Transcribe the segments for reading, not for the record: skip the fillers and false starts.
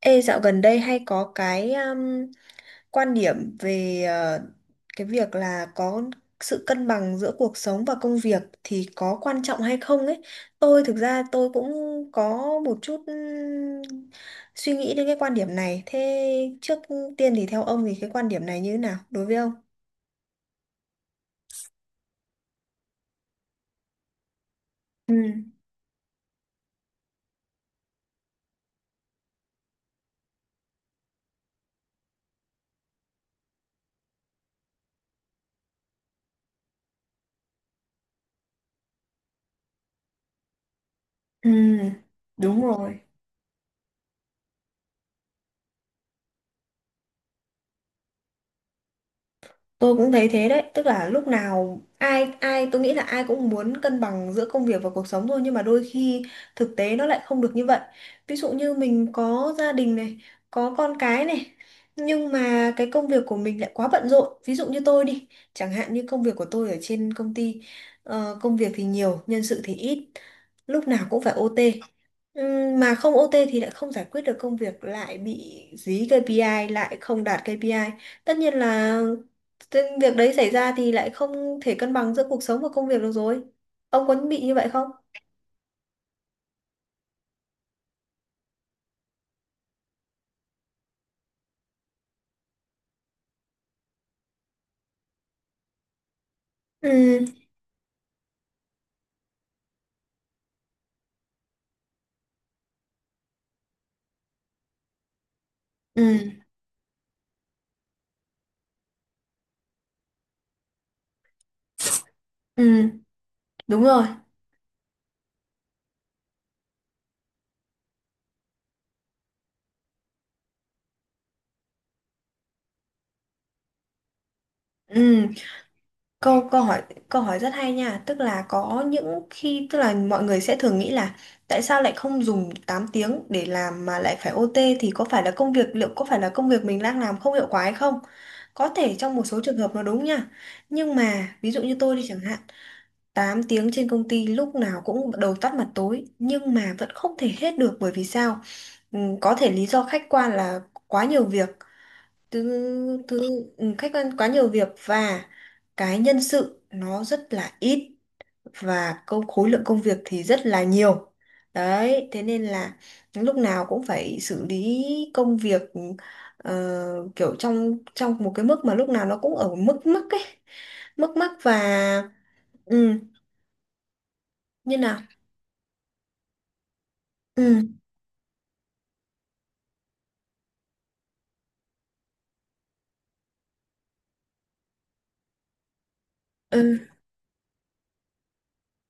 Ê, dạo gần đây hay có cái quan điểm về cái việc là có sự cân bằng giữa cuộc sống và công việc thì có quan trọng hay không ấy. Tôi thực ra tôi cũng có một chút suy nghĩ đến cái quan điểm này. Thế trước tiên thì theo ông thì cái quan điểm này như thế nào đối với ông? Ừ, ừ, đúng rồi. Tôi cũng thấy thế đấy, tức là lúc nào ai ai tôi nghĩ là ai cũng muốn cân bằng giữa công việc và cuộc sống thôi, nhưng mà đôi khi thực tế nó lại không được như vậy. Ví dụ như mình có gia đình này, có con cái này, nhưng mà cái công việc của mình lại quá bận rộn. Ví dụ như tôi đi, chẳng hạn như công việc của tôi ở trên công ty, công việc thì nhiều, nhân sự thì ít, lúc nào cũng phải OT. Mà không OT thì lại không giải quyết được công việc, lại bị dí KPI, lại không đạt KPI. Tất nhiên là thế việc đấy xảy ra thì lại không thể cân bằng giữa cuộc sống và công việc được rồi. Ông có bị như vậy không? Ừ, ừ, ừ, đúng rồi. Ừ, câu câu hỏi rất hay nha, tức là có những khi tức là mọi người sẽ thường nghĩ là tại sao lại không dùng 8 tiếng để làm mà lại phải OT, thì có phải là công việc, liệu có phải là công việc mình đang làm không hiệu quả hay không? Có thể trong một số trường hợp nó đúng nha. Nhưng mà ví dụ như tôi đi chẳng hạn, 8 tiếng trên công ty lúc nào cũng đầu tắt mặt tối nhưng mà vẫn không thể hết được bởi vì sao? Ừ, có thể lý do khách quan là quá nhiều việc. Thứ thứ ừ, Khách quan quá nhiều việc và cái nhân sự nó rất là ít, và câu khối lượng công việc thì rất là nhiều. Đấy, thế nên là lúc nào cũng phải xử lý công việc, ờ, kiểu trong trong một cái mức mà lúc nào nó cũng ở mức mức ấy, mức mắc và ừ, như nào. Ừ, ừ,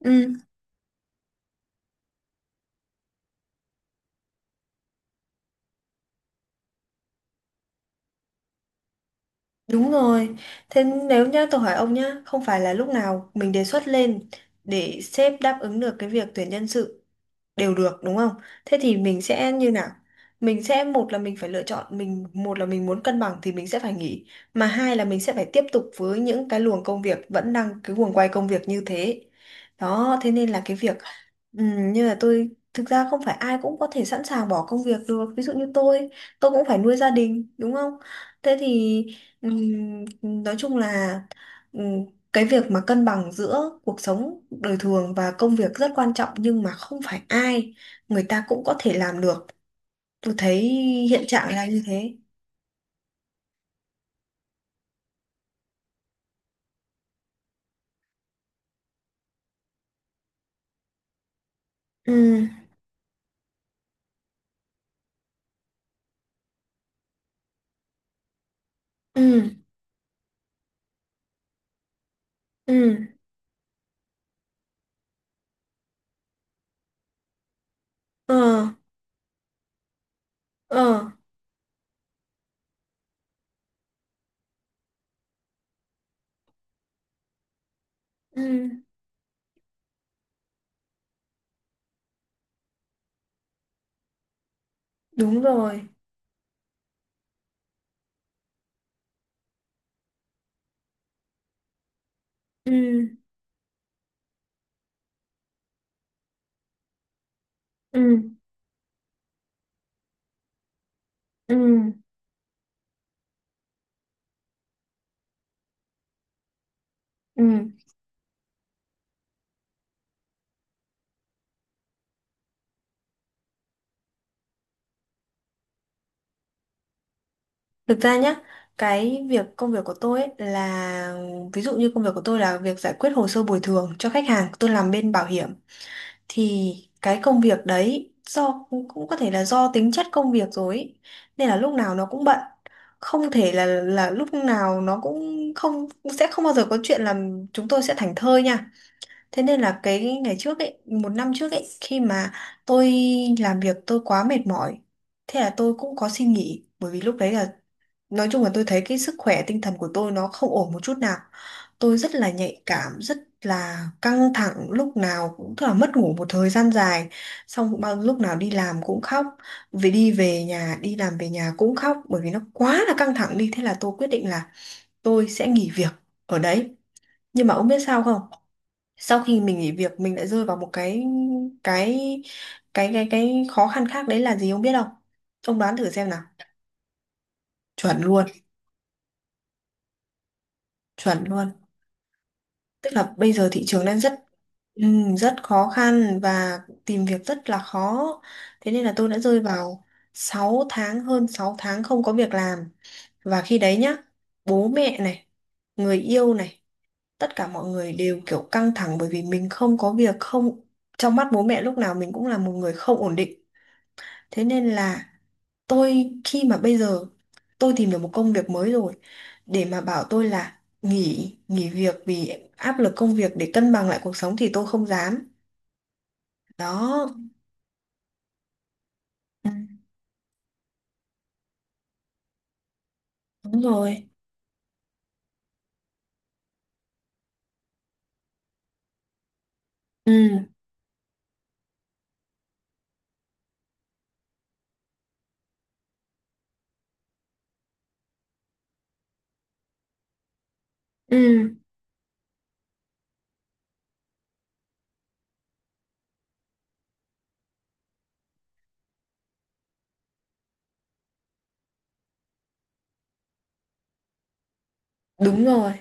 ừ, đúng rồi. Thế nếu nhá, tôi hỏi ông nhá, không phải là lúc nào mình đề xuất lên để sếp đáp ứng được cái việc tuyển nhân sự đều được đúng không? Thế thì mình sẽ như nào? Mình sẽ một là mình phải lựa chọn, mình một là mình muốn cân bằng thì mình sẽ phải nghỉ, mà hai là mình sẽ phải tiếp tục với những cái luồng công việc vẫn đang cái guồng quay công việc như thế. Đó, thế nên là cái việc như là tôi, thực ra không phải ai cũng có thể sẵn sàng bỏ công việc được. Ví dụ như tôi cũng phải nuôi gia đình đúng không? Thế thì ừm, nói chung là cái việc mà cân bằng giữa cuộc sống đời thường và công việc rất quan trọng, nhưng mà không phải ai người ta cũng có thể làm được, tôi thấy hiện trạng là như thế. Ừ. Ừ. Ừ. Ờ. Ờ. Ừ, đúng rồi. Ừ. Ừ. Ừ. Ừ. Thực ra nhá, cái việc công việc của tôi ấy là, ví dụ như công việc của tôi là việc giải quyết hồ sơ bồi thường cho khách hàng, tôi làm bên bảo hiểm, thì cái công việc đấy do cũng cũng có thể là do tính chất công việc rồi ấy. Nên là lúc nào nó cũng bận. Không thể là lúc nào nó cũng không, sẽ không bao giờ có chuyện là chúng tôi sẽ thảnh thơi nha. Thế nên là cái ngày trước ấy, một năm trước ấy, khi mà tôi làm việc tôi quá mệt mỏi, thế là tôi cũng có xin nghỉ, bởi vì lúc đấy là nói chung là tôi thấy cái sức khỏe tinh thần của tôi nó không ổn một chút nào. Tôi rất là nhạy cảm, rất là căng thẳng, lúc nào cũng tức là mất ngủ một thời gian dài, xong bao lúc nào đi làm cũng khóc, về đi về nhà, đi làm về nhà cũng khóc, bởi vì nó quá là căng thẳng đi, thế là tôi quyết định là tôi sẽ nghỉ việc ở đấy. Nhưng mà ông biết sao không? Sau khi mình nghỉ việc mình lại rơi vào một cái cái khó khăn khác, đấy là gì ông biết không? Ông đoán thử xem nào. Chuẩn luôn, chuẩn luôn. Tức là bây giờ thị trường đang rất rất khó khăn và tìm việc rất là khó, thế nên là tôi đã rơi vào 6 tháng, hơn 6 tháng không có việc làm. Và khi đấy nhá, bố mẹ này, người yêu này, tất cả mọi người đều kiểu căng thẳng bởi vì mình không có việc, không, trong mắt bố mẹ lúc nào mình cũng là một người không ổn định. Thế nên là tôi, khi mà bây giờ tôi tìm được một công việc mới rồi, để mà bảo tôi là nghỉ nghỉ việc vì áp lực công việc để cân bằng lại cuộc sống thì tôi không dám. Đó. Ừ, đúng rồi. Ừ. Ừ. Đúng rồi.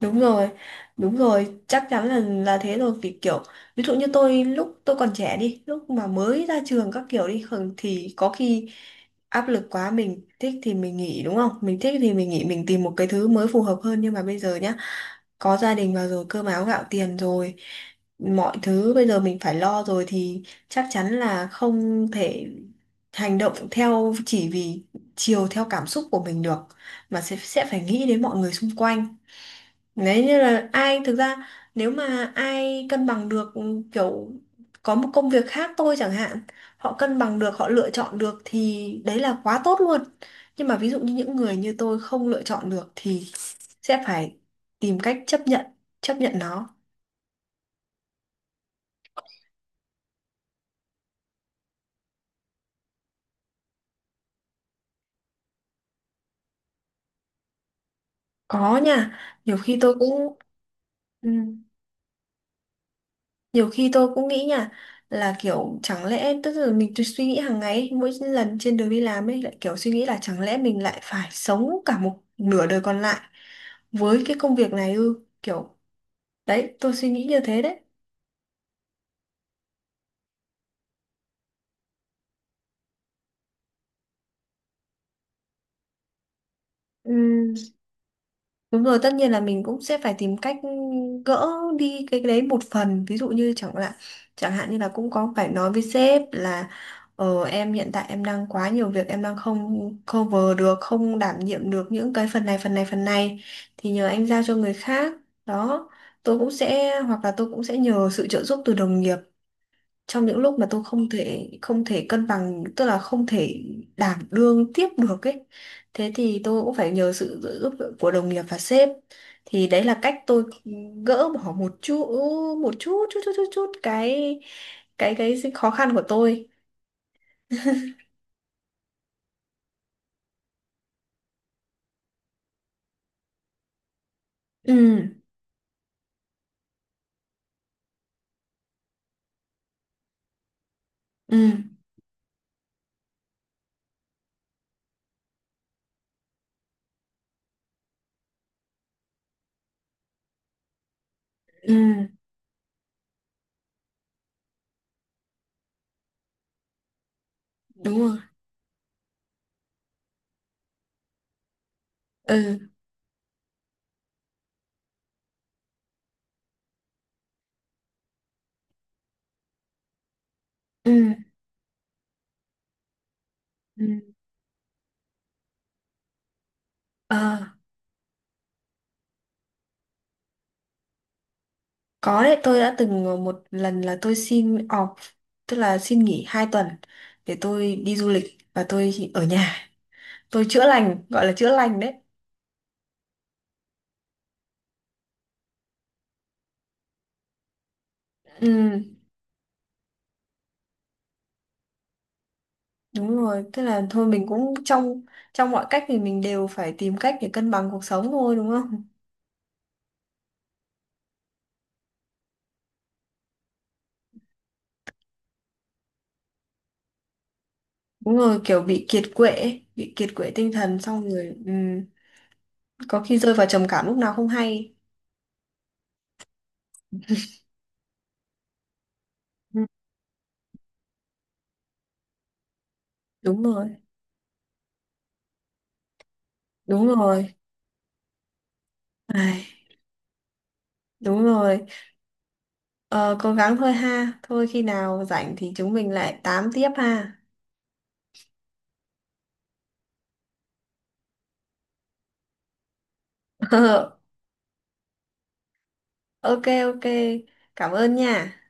Đúng rồi, đúng rồi, chắc chắn là thế rồi, vì kiểu ví dụ như tôi, lúc tôi còn trẻ đi, lúc mà mới ra trường các kiểu đi thì có khi áp lực quá mình thích thì mình nghỉ đúng không? Mình thích thì mình nghỉ, mình tìm một cái thứ mới phù hợp hơn, nhưng mà bây giờ nhá, có gia đình vào rồi, cơm áo gạo tiền rồi, mọi thứ bây giờ mình phải lo rồi, thì chắc chắn là không thể hành động theo, chỉ vì chiều theo cảm xúc của mình được, mà sẽ phải nghĩ đến mọi người xung quanh. Đấy, như là ai, thực ra nếu mà ai cân bằng được, kiểu có một công việc khác tôi chẳng hạn, họ cân bằng được, họ lựa chọn được thì đấy là quá tốt luôn, nhưng mà ví dụ như những người như tôi không lựa chọn được thì sẽ phải tìm cách chấp nhận, chấp nhận nó. Có nha, nhiều khi tôi cũng ừ. Nhiều khi tôi cũng nghĩ nha, là kiểu chẳng lẽ, tức là mình cứ suy nghĩ hàng ngày ấy, mỗi lần trên đường đi làm ấy lại kiểu suy nghĩ là chẳng lẽ mình lại phải sống cả một nửa đời còn lại với cái công việc này ư, kiểu đấy tôi suy nghĩ như thế đấy. Ừ. Đúng rồi, tất nhiên là mình cũng sẽ phải tìm cách gỡ đi cái đấy một phần. Ví dụ như chẳng hạn, chẳng hạn như là cũng có phải nói với sếp là em hiện tại em đang quá nhiều việc, em đang không cover được, không đảm nhiệm được những cái phần này, phần này, phần này. Thì nhờ anh giao cho người khác. Đó, tôi cũng sẽ, hoặc là tôi cũng sẽ nhờ sự trợ giúp từ đồng nghiệp trong những lúc mà tôi không thể cân bằng, tức là không thể đảm đương tiếp được ấy, thế thì tôi cũng phải nhờ sự trợ giúp của đồng nghiệp và sếp, thì đấy là cách tôi gỡ bỏ một chút, một chút chút chút chút, chút cái khó khăn của tôi. Ừ. Ừ. Ừ, đúng rồi. Ừ. Ừ. Ừ. Ờ, có đấy, tôi đã từng một lần là tôi xin off, tức là xin nghỉ 2 tuần để tôi đi du lịch, và tôi ở nhà tôi chữa lành, gọi là chữa lành đấy. Ừ, đúng rồi, tức là thôi mình cũng trong trong mọi cách thì mình đều phải tìm cách để cân bằng cuộc sống thôi đúng không. Đúng rồi, kiểu bị kiệt quệ ấy, bị kiệt quệ tinh thần xong rồi, có khi rơi vào trầm cảm lúc nào không hay. Ừ, đúng rồi, đúng rồi. Ai, đúng rồi. Ờ, cố gắng thôi ha, thôi khi nào rảnh thì chúng mình lại tám tiếp ha. Ok. Ok. Cảm ơn nha.